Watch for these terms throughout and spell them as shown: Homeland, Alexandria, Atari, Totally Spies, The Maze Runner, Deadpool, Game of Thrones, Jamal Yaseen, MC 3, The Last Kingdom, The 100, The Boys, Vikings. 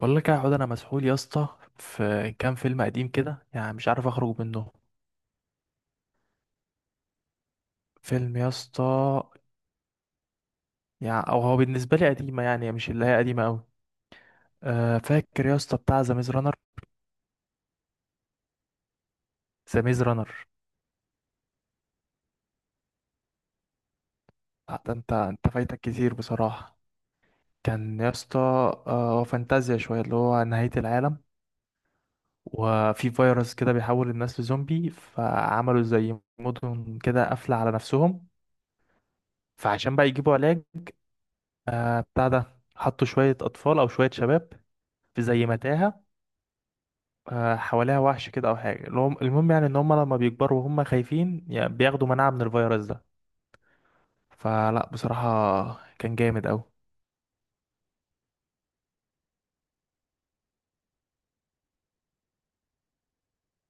بقول لك يا عود، انا مسحول يا اسطى. في كام فيلم قديم كده يعني مش عارف اخرج منه. فيلم يا اسطى، يعني او هو بالنسبه لي قديمه، يعني مش اللي هي قديمه قوي. أه، فاكر يا اسطى بتاع ذا ميز رانر؟ ذا ميز رانر. انت فايتك كتير بصراحه. كان يا اسطى فانتازيا شويه اللي هو نهايه العالم. وفي فيروس كده بيحول الناس لزومبي، فعملوا زي مدن كده قافله على نفسهم، فعشان بقى يجيبوا علاج. بتاع ده حطوا شوية أطفال أو شوية شباب في زي متاهة، حواليها وحش كده أو حاجة. المهم، يعني إن هم لما بيكبروا وهم خايفين يعني بياخدوا مناعة من الفيروس ده. فلا بصراحة كان جامد أوي.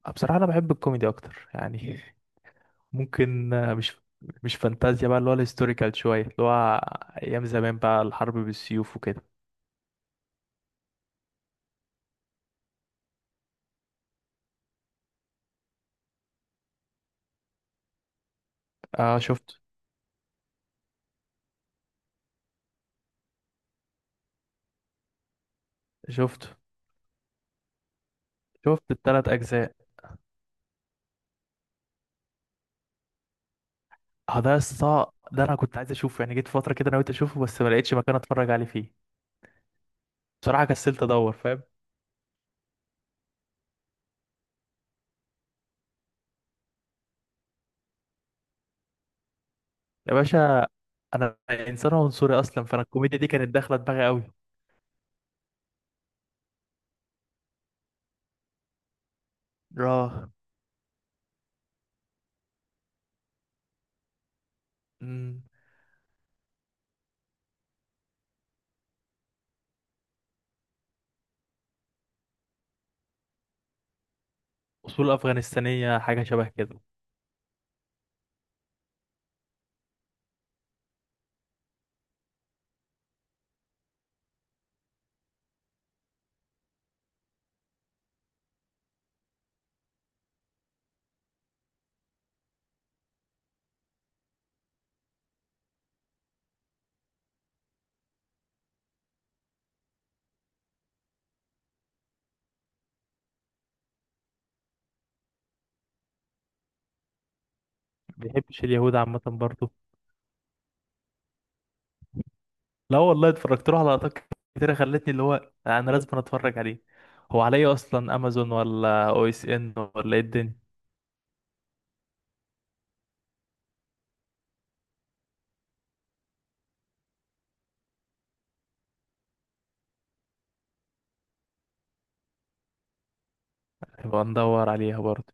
بصراحة أنا بحب الكوميدي أكتر يعني. ممكن، مش، فانتازيا بقى، اللي هو الهيستوريكال شوية اللي هو أيام زمان بقى الحرب بالسيوف وكده. آه، شفت. شفت شفت التلات أجزاء. اه، ده ده أنا كنت عايز أشوفه يعني، جيت فترة كده أنا قلت أشوفه بس ما لقيتش مكان أتفرج عليه فيه. بصراحة كسلت أدور، فاهم؟ يا باشا، انا انسان عنصري اصلا، فانا الكوميديا دي كانت داخله دماغي قوي. راه. مم،. اصول افغانستانيه، حاجه شبه كده. ما بيحبش اليهود عامه برضه. لا والله، اتفرجت له على لقطات كتيره خلتني اللي هو انا لازم اتفرج عليه. هو عليا اصلا امازون ولا OSN ولا ايه الدنيا؟ نبقى ندور عليها برضه.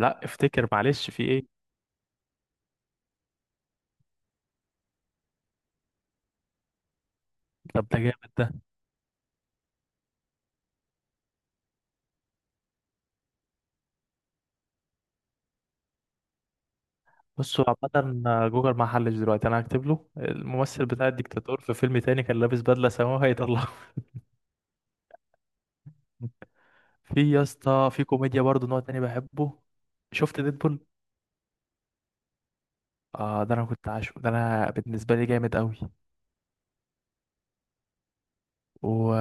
لا افتكر، معلش، في ايه؟ طب ده جامد ده. بصوا، عامة جوجل ما حلش دلوقتي، انا هكتب له الممثل بتاع الديكتاتور في فيلم تاني كان لابس بدلة سماوي، هيطلع. في يا اسطى في كوميديا برضه نوع تاني بحبه. شفت ديدبول؟ اه، ده انا كنت عاشقه، ده انا بالنسبه لي جامد قوي. و،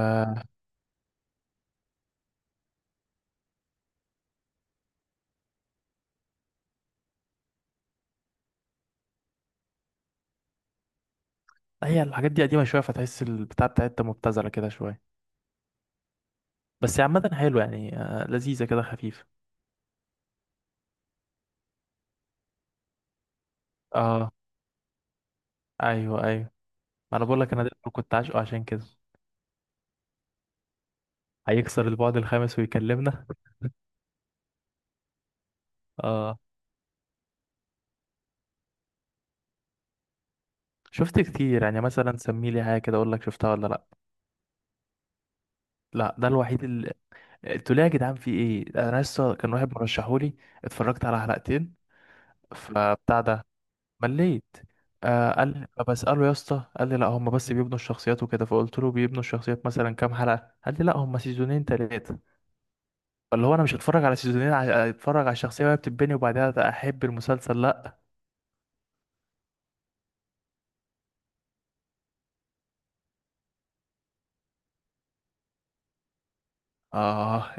هي الحاجات دي قديمه شويه فتحس البتاع بتاعتها مبتذله كده شويه، بس هي عامه حلو يعني، لذيذه كده خفيفه. اه. ايوه، ايوه. ما انا بقول لك، انا ديدبول كنت عاشقه عشان كده، هيكسر البعد الخامس ويكلمنا. اه. شفت كتير يعني، مثلا سمي لي حاجه كده اقول لك شفتها ولا لا. لا، ده الوحيد اللي، قلت له يا جدعان في ايه، انا لسه كان واحد مرشحولي، اتفرجت على حلقتين فبتاع ده، مليت. قال لي، فبسأله يا اسطى، قال لي لا هم بس بيبنوا الشخصيات وكده، فقلت له بيبنوا الشخصيات مثلا كام حلقة؟ قال لي لا هم سيزونين تلاتة. فاللي هو انا مش هتفرج على سيزونين اتفرج على الشخصية وهي بتتبني وبعدها احب المسلسل، لا. اه.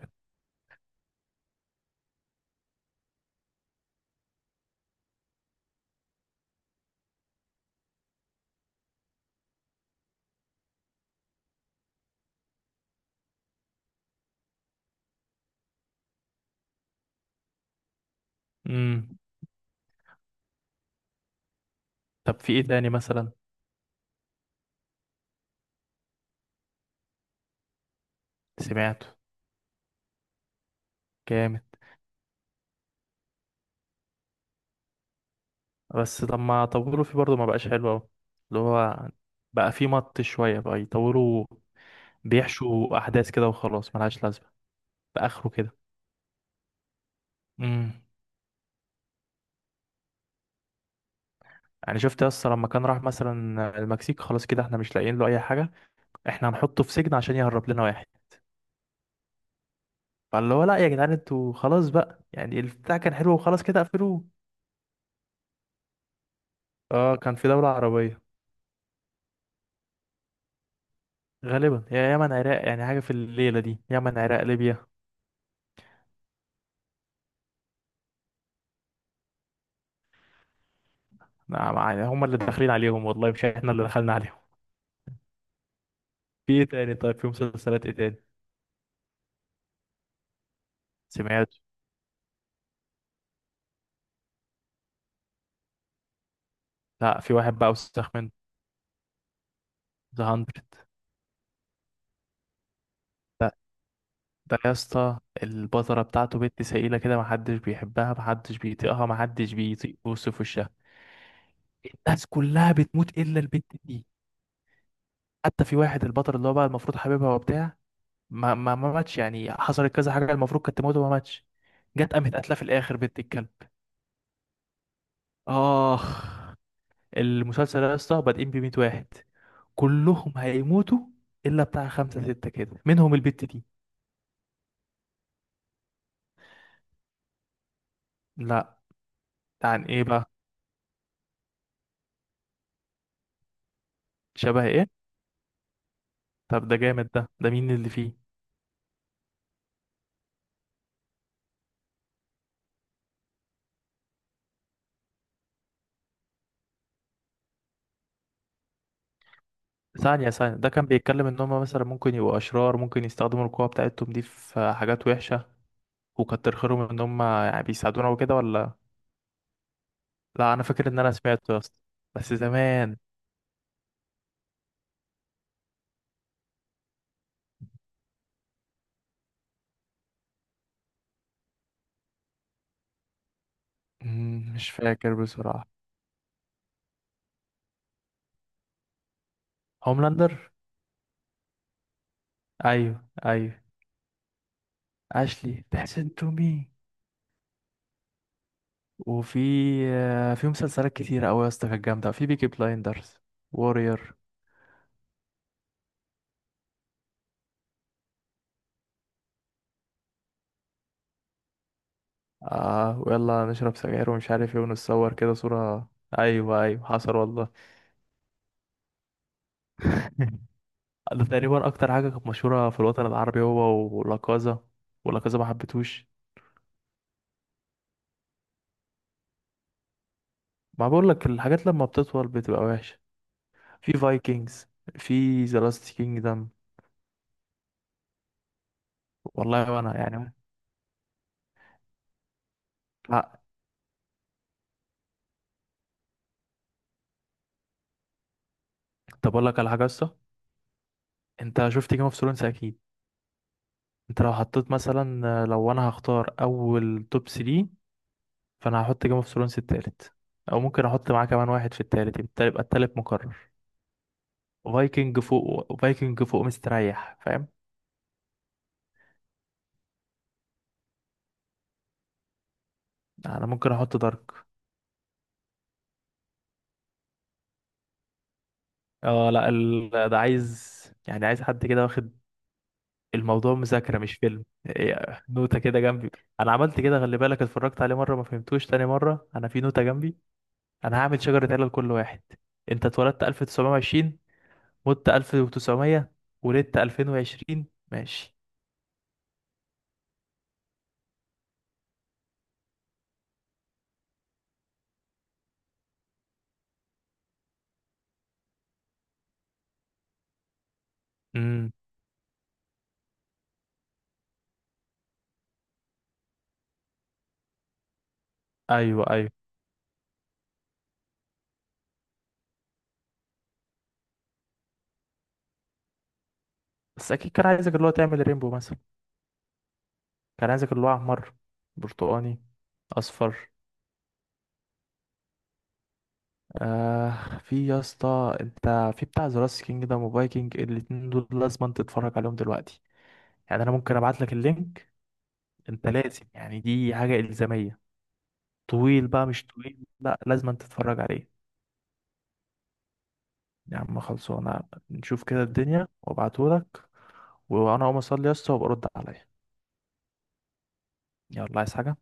امم. طب في ايه تاني مثلا؟ سمعته. جامد. بس طب ما طولوا فيه برضه، ما بقاش حلو قوي. اللي هو بقى فيه مط شوية بقى، يطولوا بيحشوا احداث كده وخلاص ملهاش لازمة باخره كده. امم. يعني شفت، يس، لما كان راح مثلا المكسيك خلاص، كده احنا مش لاقيين له اي حاجه، احنا هنحطه في سجن عشان يهرب لنا واحد. فاللي هو لا يا جدعان انتوا خلاص بقى، يعني البتاع كان حلو وخلاص، كده قفلوه. اه، كان في دوله عربيه، غالبا يا يمن عراق، يعني حاجه في الليله دي، يمن عراق ليبيا. نعم، يعني هم اللي داخلين عليهم والله، مش احنا اللي دخلنا عليهم. في ايه تاني؟ طيب في مسلسلات ايه تاني؟ سمعت. لا، في واحد بقى وسخ منه، ذا 100. ده يا اسطى، البذرة بتاعته بنت سائلة كده، محدش بيحبها، محدش بيطيقها، محدش بيطيق بص في وشها. الناس كلها بتموت إلا البنت دي. حتى في واحد، البطل اللي هو بقى المفروض حبيبها وبتاع، ما ما ما ماتش يعني، حصلت كذا حاجة المفروض كانت تموت وما ماتش. جت قامت قتلة في الآخر بنت الكلب. آخ. المسلسل ده يا اسطى بادئين بميت واحد، كلهم هيموتوا إلا بتاع خمسة ستة كده، منهم البت دي. لا. ده عن إيه بقى؟ شبه إيه؟ طب ده جامد ده. ده مين اللي فيه؟ ثانية ثانية، ده كان بيتكلم ان هم مثلا ممكن يبقوا اشرار، ممكن يستخدموا القوة بتاعتهم دي في حاجات وحشة، وكتر خيرهم ان هم يعني بيساعدونا وكده، ولا؟ لا، انا فاكر ان انا سمعته يا اسطى، بس زمان. مش فاكر بصراحة. هوملاندر. ايوه، ايوه. اشلي تحسن تو مي. وفي، في مسلسلات كتيرة قوي يا اسطى كانت جامدة، في بيكي بلايندرز، وورير. اه، ويلا نشرب سجاير ومش عارف ايه، ونتصور كده صورة. ايوه ايوه، حصل والله. ده تقريبا اكتر حاجه كانت مشهوره في الوطن العربي، هو ولاكازا. ولاكازا ما حبيتهوش. ما بقول لك، الحاجات لما بتطول بتبقى وحشه. في فايكنجز، في ذا لاست كينجدم. والله وانا يعني. لا. طب اقول لك على حاجه لسه. انت شفت جيم اوف ثرونز اكيد. انت لو حطيت مثلا، لو انا هختار اول توب 3، فانا هحط جيم اوف ثرونز التالت، او ممكن احط معاه كمان واحد في التالت، يبقى التالت مقرر. فايكنج فوق، فايكنج فوق مستريح، فاهم. انا ممكن احط دارك. اه لا، ده عايز، يعني عايز حد كده واخد الموضوع مذاكرة، مش فيلم، إيه، نوتة كده جنبي. انا عملت كده، خلي بالك، اتفرجت عليه مرة ما فهمتوش، تاني مرة انا في نوتة جنبي. انا هعمل شجرة عيلة لكل واحد. انت اتولدت 1920، مت 1900، ولدت 2020. ماشي. امم. ايوه، ايوه. بس اكيد كان عايزك اللي هو تعمل رينبو مثلا. كان عايزك اللي هو احمر، برتقاني، اصفر. آه. في يا اسطى، انت في بتاع ذا لاست كينجدم وفايكنج، الاتنين دول لازم انت تتفرج عليهم دلوقتي. يعني انا ممكن ابعت لك اللينك. انت لازم يعني، دي حاجه الزاميه. طويل بقى؟ مش طويل، لا لازم انت تتفرج عليه. يا عم خلصانه. نشوف كده الدنيا وابعته لك، وانا اقوم اصلي يا اسطى وابقى رد عليا. يلا، عايز حاجه؟